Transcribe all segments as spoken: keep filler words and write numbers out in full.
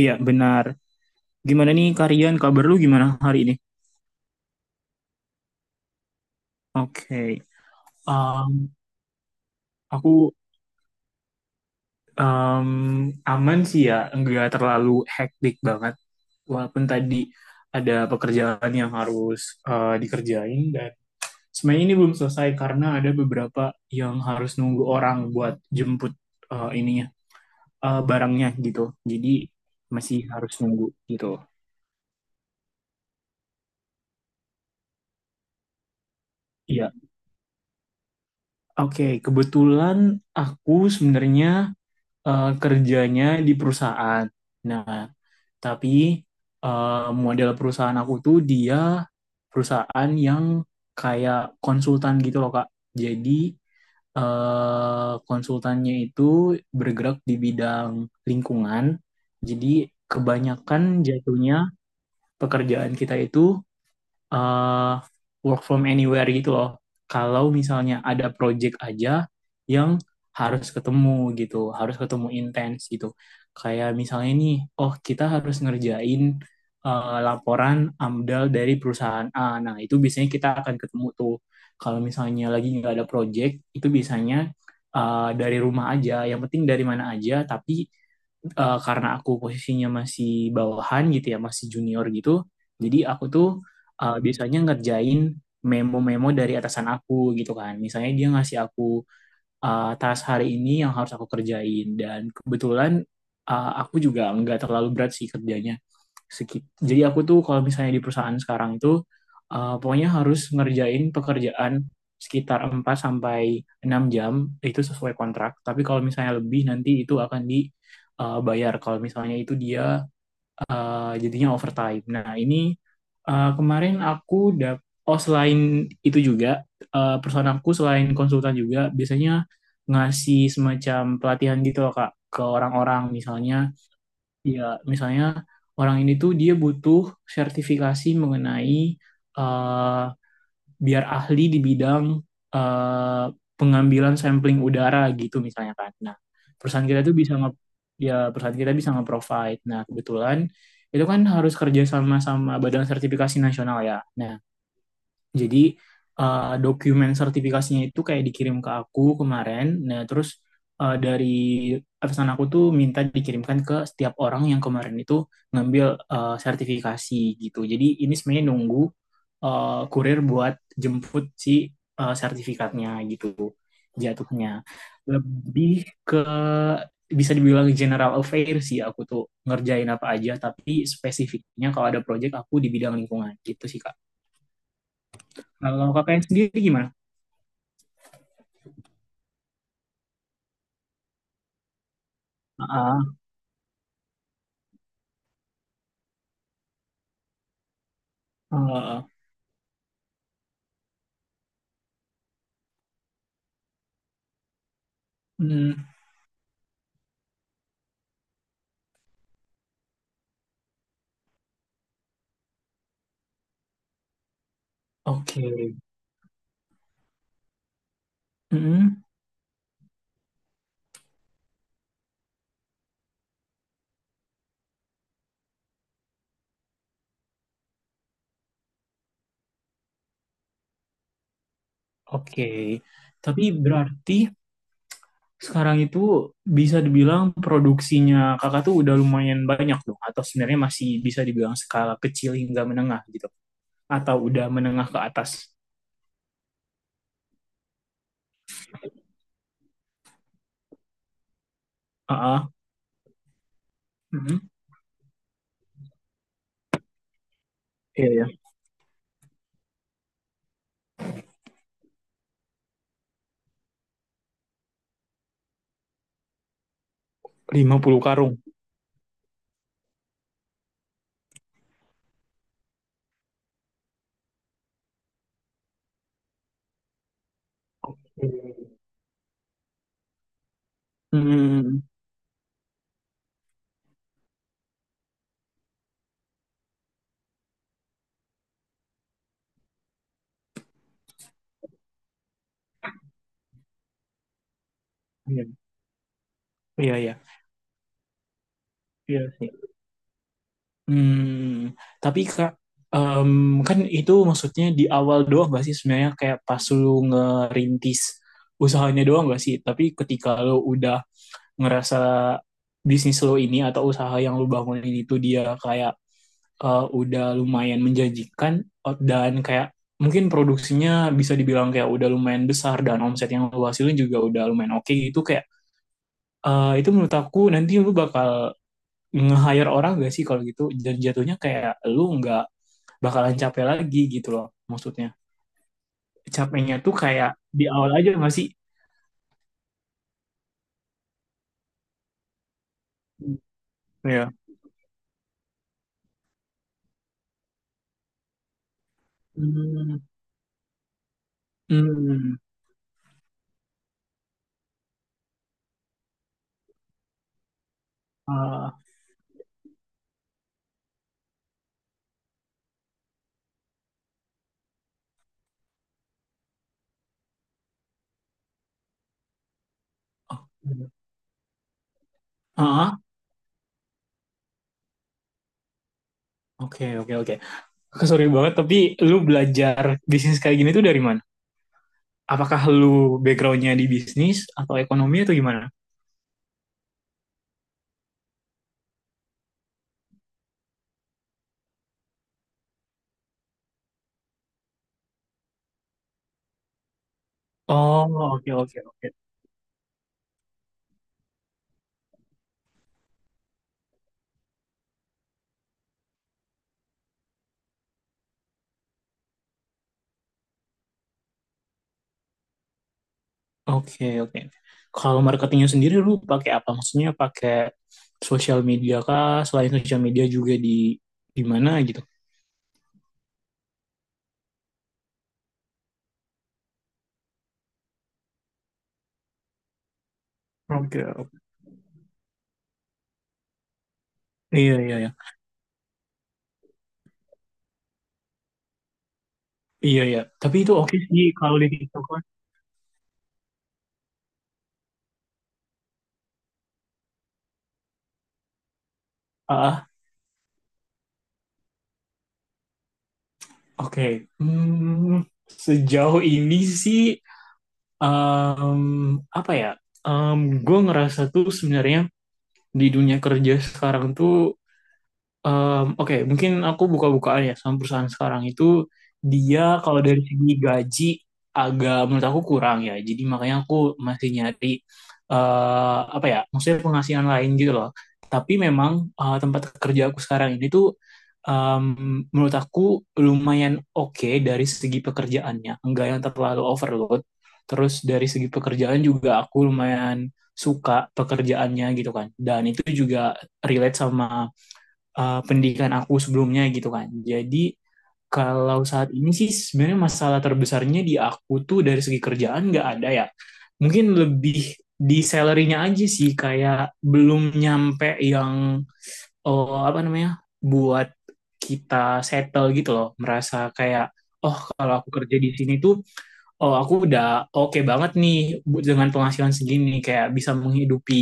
Iya, benar. Gimana nih Karian, kabar lu gimana hari ini? Oke. Um, aku um, aman sih ya, enggak terlalu hektik banget. Walaupun tadi ada pekerjaan yang harus uh, dikerjain dan sebenarnya ini belum selesai karena ada beberapa yang harus nunggu orang buat jemput uh, ininya, uh, barangnya gitu. Jadi masih harus nunggu gitu. Iya. Oke, kebetulan aku sebenarnya eh, kerjanya di perusahaan. Nah, tapi eh, model perusahaan aku tuh dia perusahaan yang kayak konsultan gitu loh, Kak. Jadi eh, konsultannya itu bergerak di bidang lingkungan. Jadi kebanyakan jatuhnya pekerjaan kita itu eh, work from anywhere gitu loh. Kalau misalnya ada project aja yang harus ketemu gitu, harus ketemu intens gitu. Kayak misalnya nih, oh kita harus ngerjain eh, laporan AMDAL dari perusahaan A. Nah, itu biasanya kita akan ketemu tuh. Kalau misalnya lagi nggak ada project, itu biasanya eh, dari rumah aja. Yang penting dari mana aja, tapi eh, karena aku posisinya masih bawahan gitu ya, masih junior gitu. Jadi aku tuh eh, biasanya ngerjain memo-memo dari atasan aku gitu kan. Misalnya dia ngasih aku eh, task hari ini yang harus aku kerjain dan kebetulan eh, aku juga nggak terlalu berat sih kerjanya. Seki- Jadi aku tuh kalau misalnya di perusahaan sekarang itu eh, pokoknya harus ngerjain pekerjaan sekitar empat sampai enam jam itu sesuai kontrak. Tapi kalau misalnya lebih nanti itu akan dibayar kalau misalnya itu dia eh, jadinya overtime. Nah, ini eh, kemarin aku dap oh selain itu juga eh, perusahaan aku selain konsultan juga biasanya ngasih semacam pelatihan gitu loh Kak ke orang-orang misalnya ya misalnya orang ini tuh dia butuh sertifikasi mengenai eh, biar ahli di bidang eh, pengambilan sampling udara gitu misalnya kan. Nah, perusahaan kita tuh bisa nge ya perusahaan kita bisa nge-provide. Nah, kebetulan itu kan harus kerja sama sama Badan Sertifikasi Nasional ya. Nah, jadi eh, dokumen sertifikasinya itu kayak dikirim ke aku kemarin. Nah, terus eh, dari atasan aku tuh minta dikirimkan ke setiap orang yang kemarin itu ngambil eh, sertifikasi gitu. Jadi ini sebenarnya nunggu eh, kurir buat jemput si eh, sertifikatnya gitu jatuhnya. Lebih ke bisa dibilang general affair sih aku tuh ngerjain apa aja tapi spesifiknya kalau ada project aku di bidang lingkungan gitu sih Kak. Kalau kakaknya sendiri gimana? Ah, ah, ah. Hmm, oke. Hmm, oke. Tapi berarti sekarang itu bisa dibilang produksinya kakak tuh udah lumayan banyak dong, atau sebenarnya masih bisa dibilang skala kecil hingga menengah gitu, atau udah menengah ke atas. Ah, ah. Hmm, iya ya, lima puluh karung. Hmm, iya, iya, iya. Iya sih. Hmm, tapi Kak, em, kan itu maksudnya di awal doang gak sih sebenarnya kayak pas lu ngerintis usahanya doang gak sih? Tapi ketika lu udah ngerasa bisnis lo ini atau usaha yang lu bangunin itu dia kayak eh, udah lumayan menjanjikan eh, dan kayak mungkin produksinya bisa dibilang kayak udah lumayan besar dan omset yang lu hasilin juga udah lumayan oke gitu kayak eh, itu menurut aku nanti lu bakal nge-hire orang gak sih kalau gitu dan jatuhnya kayak lu nggak bakalan capek lagi gitu loh maksudnya capeknya tuh kayak di awal aja gak sih ya. Hmm, hmm, ah, ah, oke oke oke, sorry banget tapi lu belajar bisnis kayak gini tuh dari mana, apakah lu backgroundnya di bisnis atau ekonomi atau gimana? Oh, oke oke oke. Oke, oke. Kalau marketingnya sendiri lu pakai apa? Maksudnya pakai sosial media kah? Selain sosial media juga di di mana gitu? Oke, oke. Iya, iya, iya. Iya, iya. Tapi itu oke sih kalau di TikTok kan. Ah, oke. Hmm, sejauh ini sih em, apa ya? Em, gue ngerasa tuh sebenarnya di dunia kerja sekarang tuh Mmm, oke, mungkin aku buka-bukaan ya sama perusahaan sekarang itu dia kalau dari segi gaji agak menurut aku kurang ya. Jadi makanya aku masih nyari eh apa ya, maksudnya penghasilan lain gitu loh. Tapi memang eh, tempat kerja aku sekarang ini tuh em, menurut aku lumayan oke dari segi pekerjaannya. Enggak yang terlalu overload. Terus dari segi pekerjaan juga aku lumayan suka pekerjaannya gitu kan. Dan itu juga relate sama uh, pendidikan aku sebelumnya gitu kan. Jadi kalau saat ini sih sebenarnya masalah terbesarnya di aku tuh dari segi kerjaan nggak ada ya. Mungkin lebih di salary-nya aja sih kayak belum nyampe yang oh, apa namanya buat kita settle gitu loh merasa kayak oh kalau aku kerja di sini tuh oh aku udah oke banget nih bu- dengan penghasilan segini kayak bisa menghidupi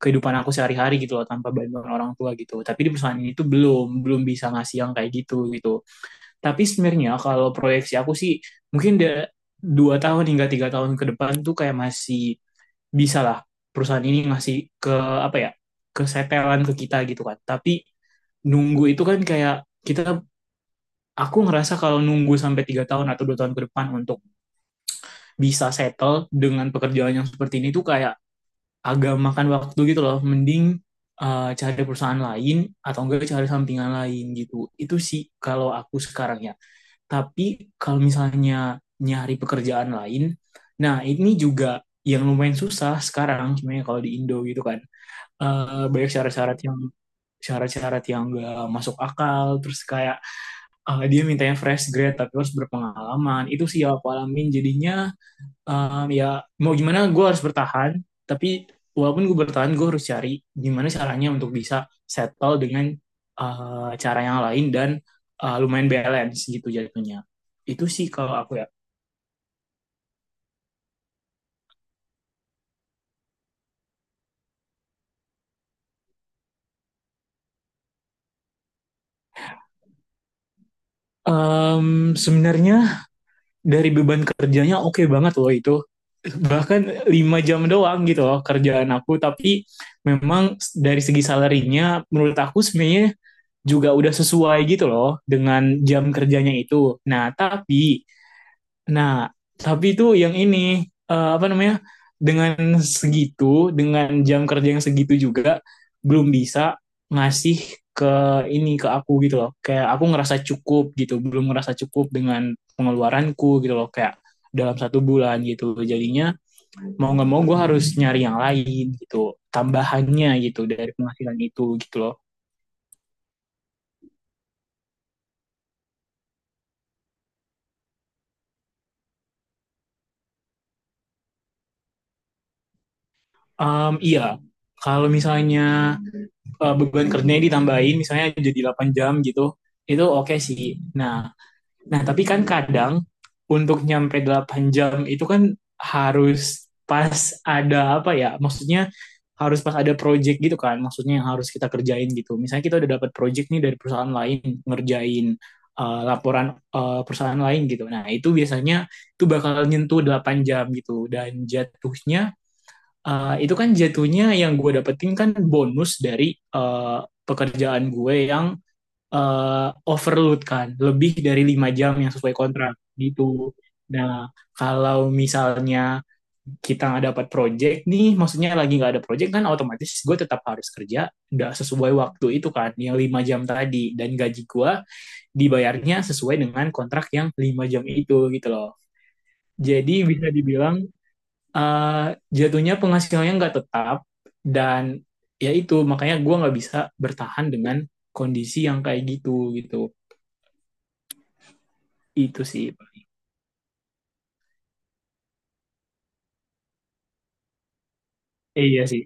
kehidupan aku sehari-hari gitu loh tanpa bantuan orang tua gitu. Tapi di perusahaan ini tuh belum belum bisa ngasih yang kayak gitu gitu. Tapi sebenarnya kalau proyeksi aku sih mungkin da dua tahun hingga tiga tahun ke depan tuh kayak masih bisa lah perusahaan ini ngasih ke apa ya kesetelan ke kita gitu kan. Tapi nunggu itu kan kayak kita aku ngerasa kalau nunggu sampai tiga tahun atau dua tahun ke depan untuk bisa settle dengan pekerjaan yang seperti ini tuh kayak agak makan waktu gitu loh. Mending eh, cari perusahaan lain atau enggak cari sampingan lain gitu. Itu sih kalau aku sekarang ya. Tapi kalau misalnya nyari pekerjaan lain, nah ini juga yang lumayan susah sekarang sebenarnya kalau di Indo gitu kan. Eh, banyak syarat-syarat yang syarat-syarat yang enggak masuk akal terus kayak eh, dia mintanya fresh grade tapi harus berpengalaman itu sih yang aku alamin jadinya. Em, ya mau gimana gue harus bertahan tapi walaupun gue bertahan gue harus cari gimana caranya untuk bisa settle dengan eh, cara yang lain dan eh, lumayan balance gitu jatuhnya itu sih kalau aku ya. Em, sebenarnya dari beban kerjanya oke banget loh itu bahkan lima jam doang gitu loh kerjaan aku tapi memang dari segi salarinya menurut aku sebenarnya juga udah sesuai gitu loh dengan jam kerjanya itu nah tapi Nah, tapi itu yang ini eh, apa namanya? Dengan segitu, dengan jam kerja yang segitu juga belum bisa ngasih ke ini ke aku gitu loh. Kayak aku ngerasa cukup gitu, belum ngerasa cukup dengan pengeluaranku gitu loh. Kayak dalam satu bulan gitu. Jadinya mau nggak mau gue harus nyari yang lain gitu, tambahannya gitu dari penghasilan itu gitu loh. Em, iya, kalau misalnya eh, beban kerjanya ditambahin misalnya jadi delapan jam gitu itu oke okay sih nah nah tapi kan kadang untuk nyampe delapan jam itu kan harus pas ada apa ya maksudnya harus pas ada project gitu kan maksudnya yang harus kita kerjain gitu misalnya kita udah dapat project nih dari perusahaan lain ngerjain eh, laporan eh, perusahaan lain gitu nah itu biasanya itu bakal nyentuh delapan jam gitu dan jatuhnya Uh, itu kan jatuhnya yang gue dapetin kan bonus dari uh, pekerjaan gue yang uh, overload kan lebih dari lima jam yang sesuai kontrak gitu. Nah, kalau misalnya kita nggak dapat project nih, maksudnya lagi nggak ada project kan otomatis gue tetap harus kerja nggak sesuai waktu itu kan, yang lima jam tadi. Dan gaji gue dibayarnya sesuai dengan kontrak yang lima jam itu gitu loh. Jadi bisa dibilang eh, jatuhnya penghasilannya nggak tetap dan ya itu makanya gue nggak bisa bertahan dengan kondisi yang kayak gitu gitu itu sih Pak. Eh, iya sih